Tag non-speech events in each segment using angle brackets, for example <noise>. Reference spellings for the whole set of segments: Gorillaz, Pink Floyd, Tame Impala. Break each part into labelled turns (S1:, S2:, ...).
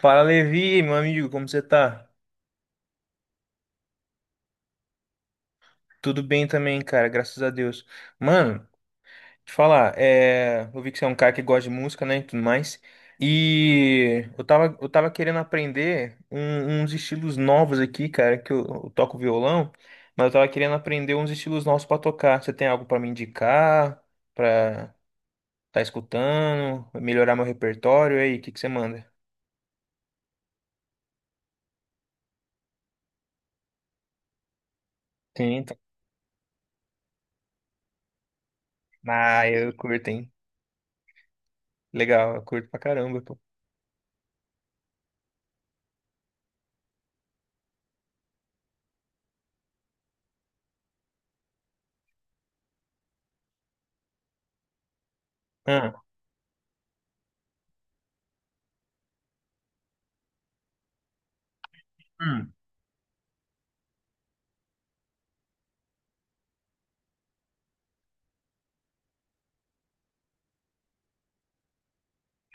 S1: Fala, Levi, meu amigo, como você tá? Tudo bem também, cara, graças a Deus. Mano, te falar, eu vi que você é um cara que gosta de música, né, e tudo mais. E eu tava querendo aprender uns estilos novos aqui, cara, que eu toco violão, mas eu tava querendo aprender uns estilos novos pra tocar. Você tem algo pra me indicar, pra tá escutando, melhorar meu repertório? E aí, o que que você manda? Sim, então. Ah, eu curto, hein? Legal, eu curto pra caramba, pô. Ah, hum,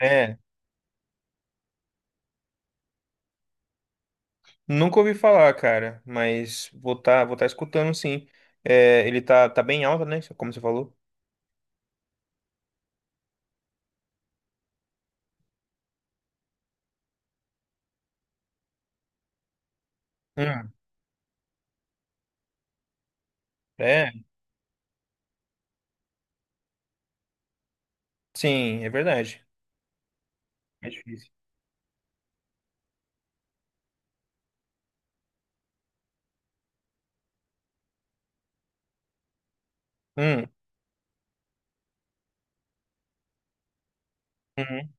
S1: é. Nunca ouvi falar, cara, mas vou tá escutando sim. É, tá bem alto, né? Como você falou. Hum, é, sim, é verdade. É difícil. Hum, uhum,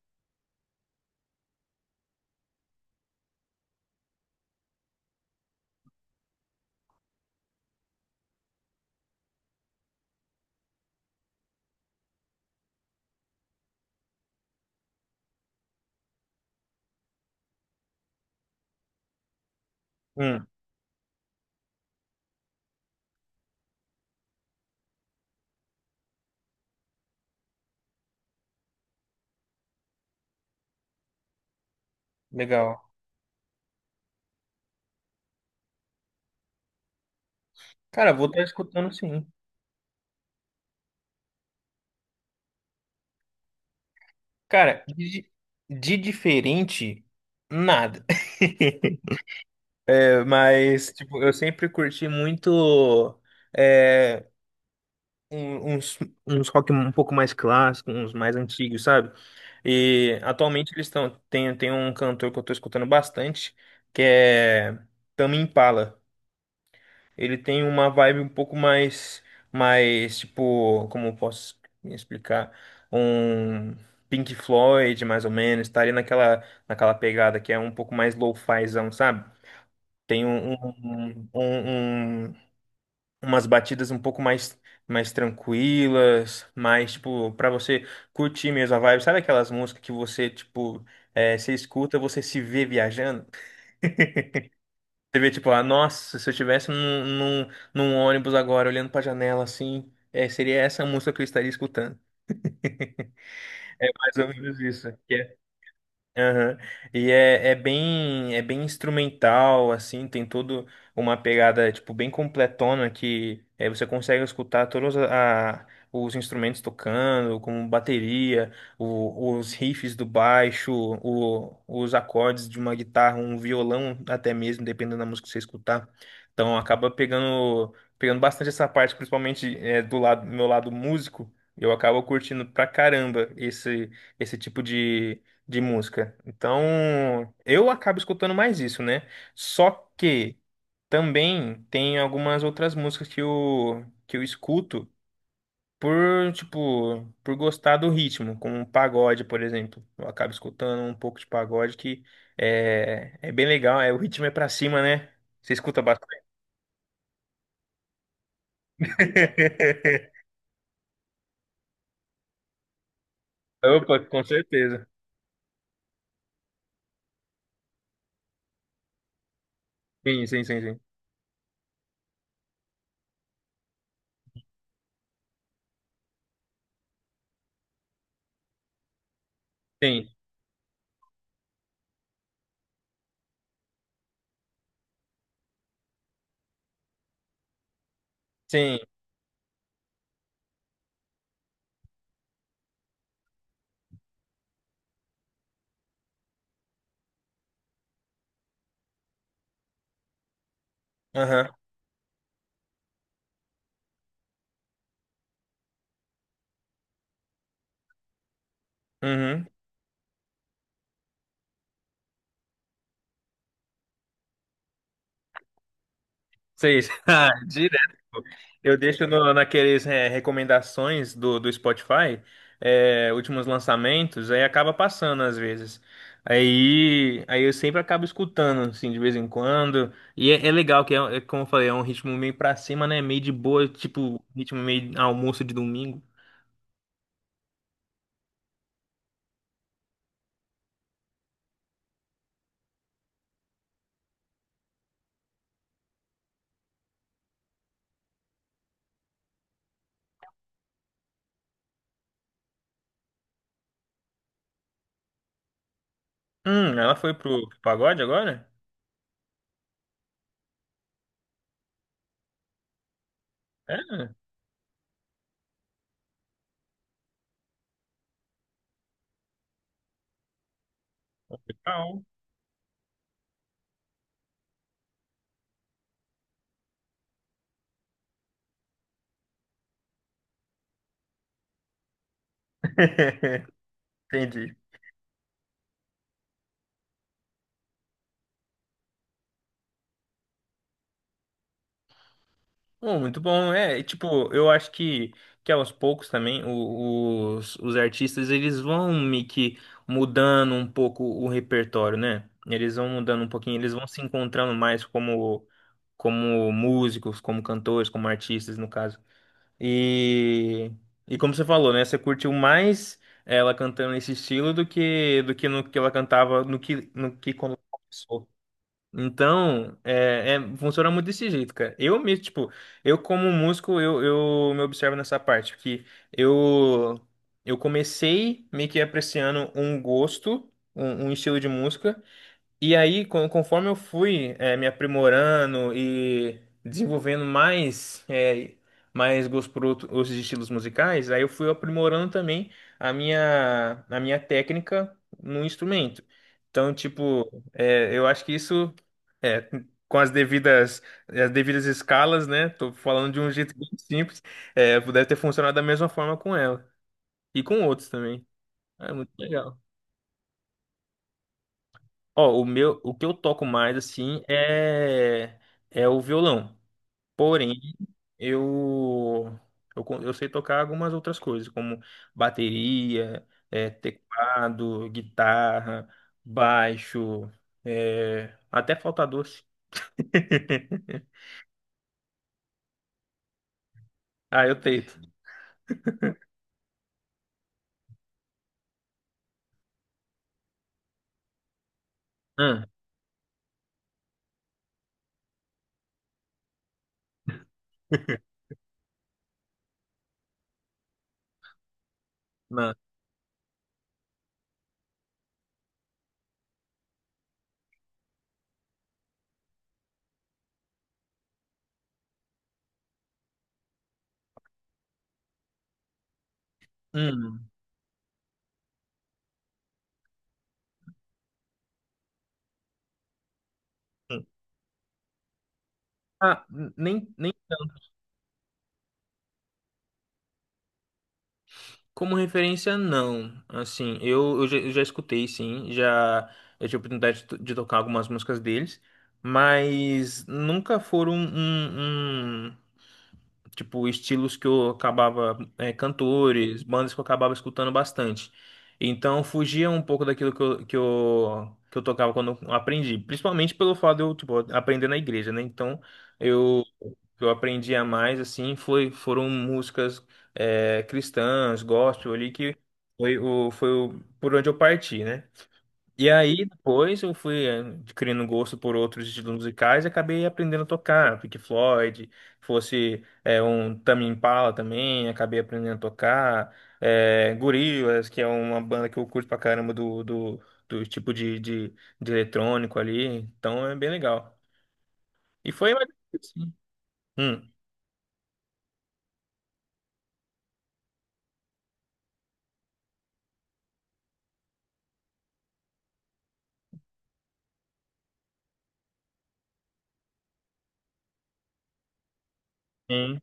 S1: hum, legal. Cara, vou estar escutando sim. Cara, de diferente, nada. <laughs> Mas, tipo, eu sempre curti muito. É, um- uns, uns rock um pouco mais clássicos, uns mais antigos, sabe? E atualmente eles estão. Tem um cantor que eu tô escutando bastante, que é Tame Impala. Ele tem uma vibe um pouco mais, mais tipo, como eu posso explicar? Um Pink Floyd, mais ou menos, tá ali naquela pegada que é um pouco mais lo-fizão, sabe? Tem umas batidas um pouco mais mais tranquilas, mais tipo pra você curtir mesmo a vibe. Sabe aquelas músicas que você tipo é, você escuta, você se vê viajando? Você vê tipo, ah, nossa, se eu estivesse num ônibus agora olhando pra janela assim, é, seria essa música que eu estaria escutando. É mais ou menos isso. Aham. E é bem instrumental, assim, tem todo uma pegada, tipo, bem completona que é, você consegue escutar todos os instrumentos tocando, como bateria, os riffs do baixo, os acordes de uma guitarra, um violão até mesmo, dependendo da música que você escutar. Então acaba pegando bastante essa parte, principalmente é, do lado, meu lado músico, eu acabo curtindo pra caramba esse tipo de música. Então, eu acabo escutando mais isso, né? Só que também tem algumas outras músicas que eu escuto por, tipo, por gostar do ritmo, como um pagode, por exemplo. Eu acabo escutando um pouco de pagode que é, é bem legal, é, o ritmo é pra cima, né? Você escuta bastante? <laughs> Opa, com certeza. Sim, sim, sim, sim. Sim, sim. Aham. Uhum. seis <laughs> ah, direto. Eu deixo no, naqueles é, recomendações do Spotify, é, últimos lançamentos, aí acaba passando às vezes. Aí eu sempre acabo escutando, assim, de vez em quando. E é, é, como eu falei, é um ritmo meio pra cima, né? Meio de boa, tipo, ritmo meio almoço de domingo. Ela foi pro pagode agora? É, legal. <laughs> Entendi. Oh, muito bom, é, e, tipo, eu acho que aos poucos também os artistas eles vão meio que mudando um pouco o repertório, né? Eles vão mudando um pouquinho, eles vão se encontrando mais como, como músicos, como cantores, como artistas, no caso. E, e como você falou, né? Você curtiu mais ela cantando nesse estilo do que no que ela cantava no que quando começou. Então, funciona muito desse jeito, cara. Eu mesmo, tipo, eu como músico, eu me observo nessa parte, que eu, eu comecei meio que apreciando um gosto, um estilo de música, e aí, conforme eu fui me aprimorando e desenvolvendo mais, mais gosto por outros estilos musicais, aí eu fui aprimorando também a minha técnica no instrumento. Então, tipo, eu acho que isso, eh, com as as devidas escalas, né? Tô falando de um jeito bem simples, deve ter funcionado da mesma forma com ela e com outros também. Ah, é muito legal. Ó, o que eu toco mais assim é o violão. Porém, eu eu, eu sei tocar algumas outras coisas, como bateria, é, teclado, guitarra, baixo, é, até falta doce. <laughs> Ah, eu tento. Hum, não. Hum. Ah, nem Como referência, não. Assim, eu já escutei, sim. Já eu tive a oportunidade de, de tocar algumas músicas deles, mas nunca foram tipo, estilos que eu acabava, é, cantores, bandas que eu acabava escutando bastante. Então, fugia um pouco daquilo que eu tocava quando eu aprendi. Principalmente pelo fato de eu, tipo, aprender na igreja, né? Então, eu, eu aprendia mais, assim, foram músicas, é, cristãs, gospel ali, que foi o, por onde eu parti, né? E aí, depois eu fui adquirindo gosto por outros estilos musicais e acabei aprendendo a tocar. Pink Floyd, fosse um Tame Impala também, acabei aprendendo a tocar. Gorillaz, que é uma banda que eu curto pra caramba do tipo de eletrônico ali. Então é bem legal. E foi mais ou menos assim. Hum, sim,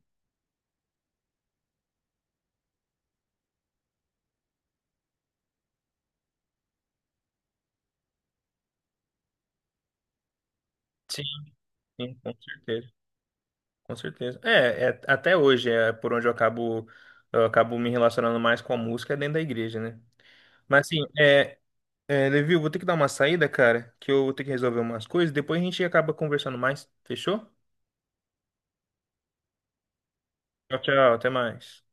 S1: sim, sim, com certeza. Com certeza. É, é, até hoje é por onde eu acabo me relacionando mais com a música é dentro da igreja, né? Mas assim, é, é, Levi, eu vou ter que dar uma saída, cara, que eu vou ter que resolver umas coisas. Depois a gente acaba conversando mais. Fechou? Tchau, tchau. Até mais.